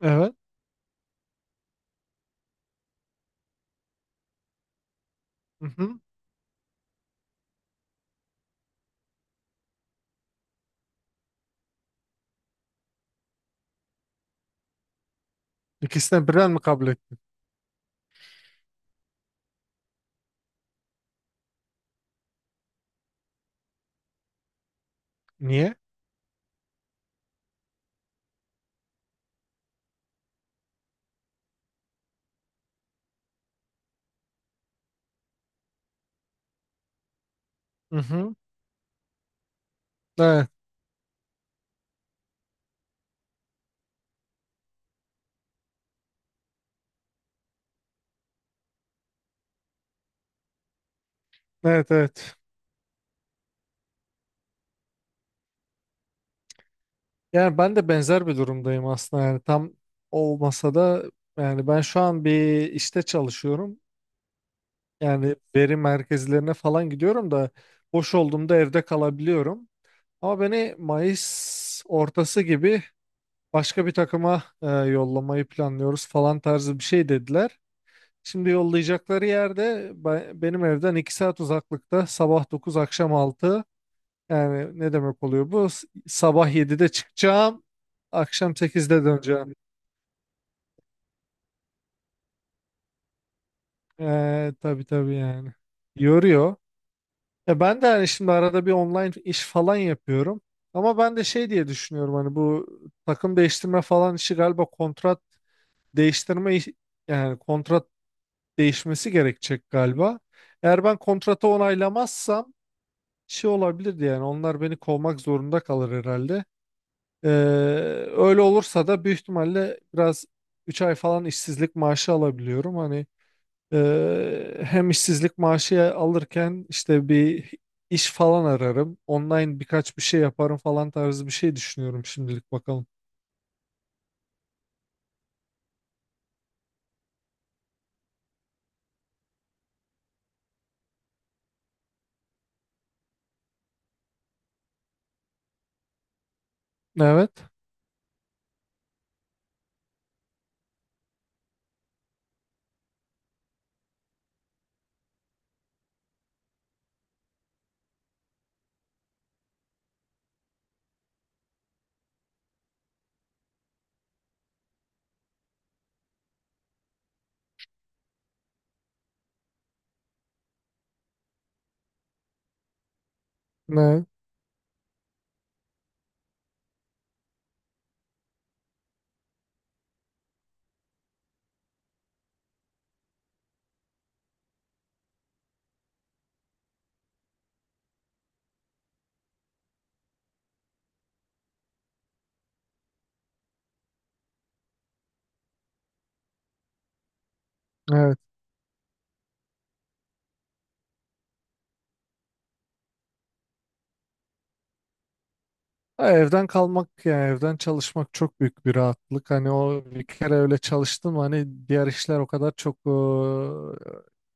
Evet. Mhm. İkisine birden mi kabul ettin? Niye? Mhm. Evet. Evet, evet. Yani ben de benzer bir durumdayım aslında, yani tam olmasa da, yani ben şu an bir işte çalışıyorum. Yani veri merkezlerine falan gidiyorum da, boş olduğumda evde kalabiliyorum. Ama beni Mayıs ortası gibi başka bir takıma yollamayı planlıyoruz falan tarzı bir şey dediler. Şimdi yollayacakları yerde benim evden 2 saat uzaklıkta, sabah 9 akşam 6. Yani ne demek oluyor bu? Sabah 7'de çıkacağım. Akşam 8'de döneceğim. Tabii tabii yani. Yoruyor. Ya ben de hani şimdi arada bir online iş falan yapıyorum. Ama ben de şey diye düşünüyorum hani, bu takım değiştirme falan işi galiba kontrat değiştirme yani kontrat değişmesi gerekecek galiba. Eğer ben kontratı onaylamazsam şey olabilirdi, yani onlar beni kovmak zorunda kalır herhalde. Ee, Öyle olursa da büyük ihtimalle biraz 3 ay falan işsizlik maaşı alabiliyorum. Hani hem işsizlik maaşı alırken işte bir iş falan ararım. Online birkaç bir şey yaparım falan tarzı bir şey düşünüyorum şimdilik, bakalım. Evet. Ne? Evet. Ha, evden kalmak yani evden çalışmak çok büyük bir rahatlık. Hani o bir kere öyle çalıştım, hani diğer işler o kadar çok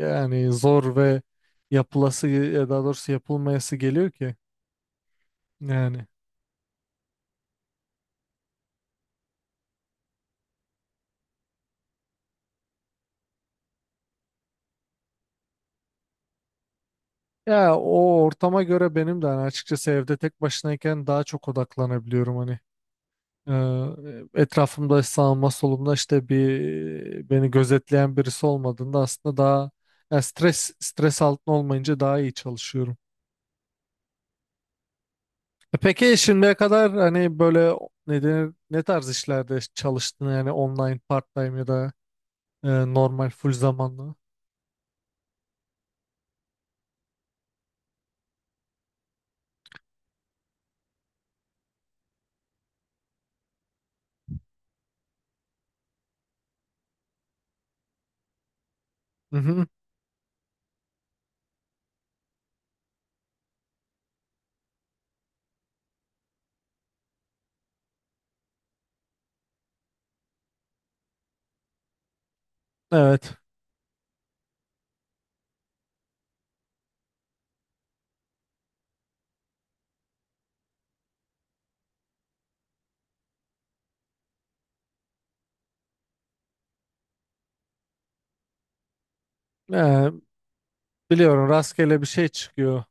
yani zor ve yapılası ya, daha doğrusu yapılmayası geliyor ki, yani. Ya o ortama göre benim de hani açıkçası evde tek başınayken daha çok odaklanabiliyorum hani. Etrafımda sağımda solumda işte bir beni gözetleyen birisi olmadığında aslında daha, yani stres stres altında olmayınca daha iyi çalışıyorum. Peki şimdiye kadar hani böyle ne denir, ne tarz işlerde çalıştın yani, online part-time ya da normal full zamanlı? Hı hı, evet. E, Biliyorum, rastgele bir şey çıkıyor.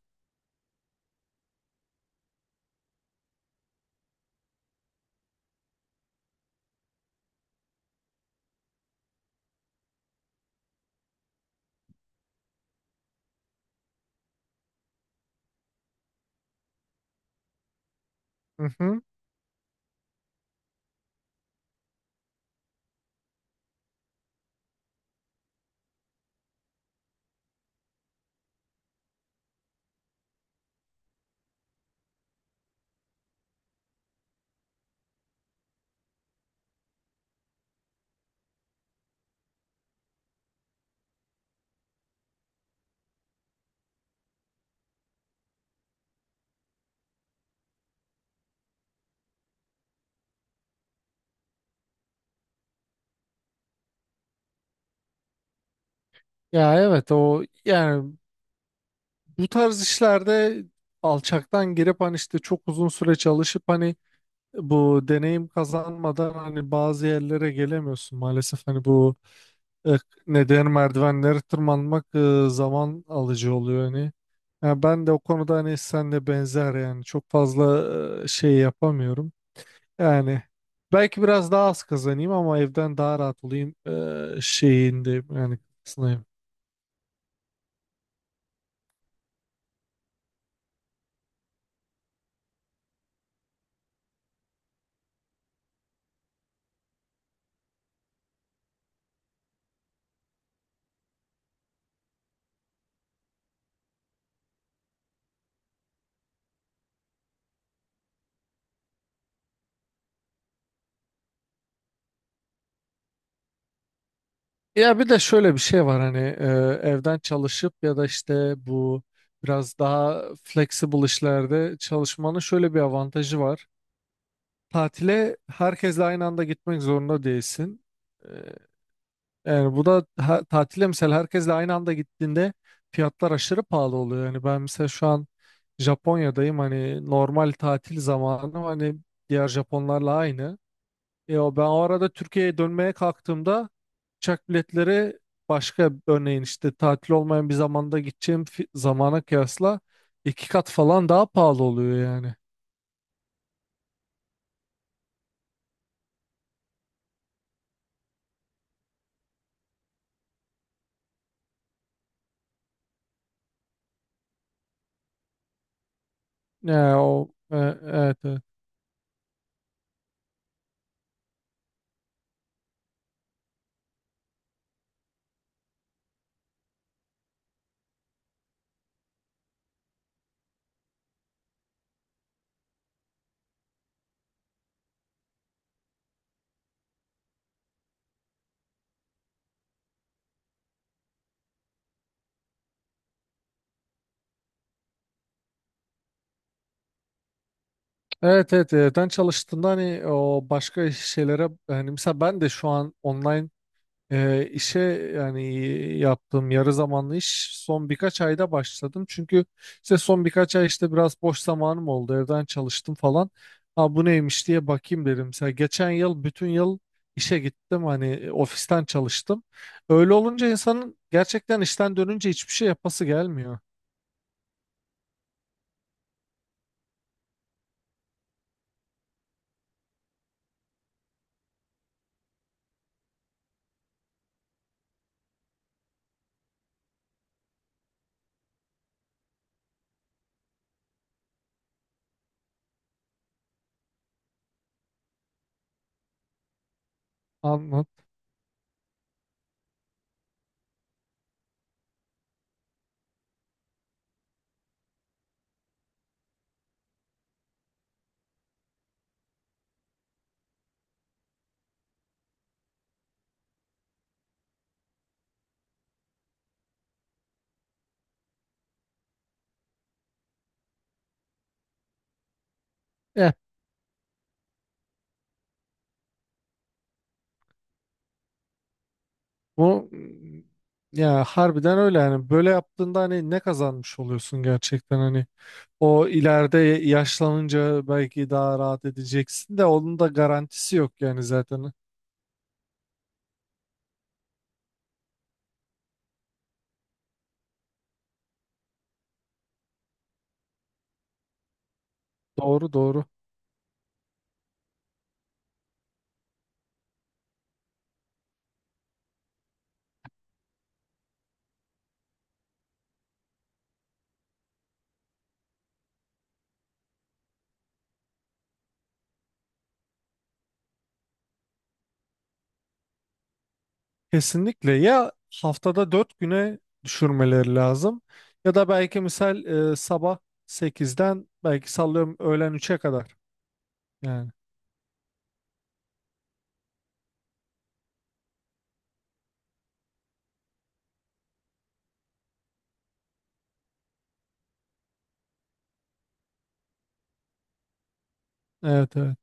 Hı hı. Ya evet o yani bu tarz işlerde alçaktan girip hani işte çok uzun süre çalışıp hani bu deneyim kazanmadan hani bazı yerlere gelemiyorsun maalesef, hani bu e, ne merdivenleri tırmanmak zaman alıcı oluyor hani. Yani ben de o konuda hani senle benzer, yani çok fazla şey yapamıyorum. Yani belki biraz daha az kazanayım ama evden daha rahat olayım şeyinde, yani kısmındayım. Ya bir de şöyle bir şey var hani evden çalışıp ya da işte bu biraz daha flexible işlerde çalışmanın şöyle bir avantajı var. Tatile herkesle aynı anda gitmek zorunda değilsin. E, Yani bu da ha, tatile mesela herkesle aynı anda gittiğinde fiyatlar aşırı pahalı oluyor. Yani ben mesela şu an Japonya'dayım, hani normal tatil zamanı, hani diğer Japonlarla aynı. Ya ben o arada Türkiye'ye dönmeye kalktığımda uçak biletleri başka, örneğin işte tatil olmayan bir zamanda gideceğim zamana kıyasla 2 kat falan daha pahalı oluyor yani. Ya o, evet evet. Evet evet, evden çalıştığında hani o başka şeylere, hani mesela ben de şu an online işe, yani yaptığım yarı zamanlı iş son birkaç ayda başladım. Çünkü işte son birkaç ay işte biraz boş zamanım oldu. Evden çalıştım falan. Ha, bu neymiş diye bakayım dedim. Mesela geçen yıl bütün yıl işe gittim. Hani ofisten çalıştım. Öyle olunca insanın gerçekten işten dönünce hiçbir şey yapası gelmiyor. Anlat. Eh, bu ya harbiden öyle yani. Böyle yaptığında hani ne kazanmış oluyorsun gerçekten, hani o ileride yaşlanınca belki daha rahat edeceksin de, onun da garantisi yok yani zaten. Doğru doğru. Kesinlikle ya, haftada 4 güne düşürmeleri lazım, ya da belki misal sabah 8'den belki sallıyorum öğlen 3'e kadar. Yani evet evet.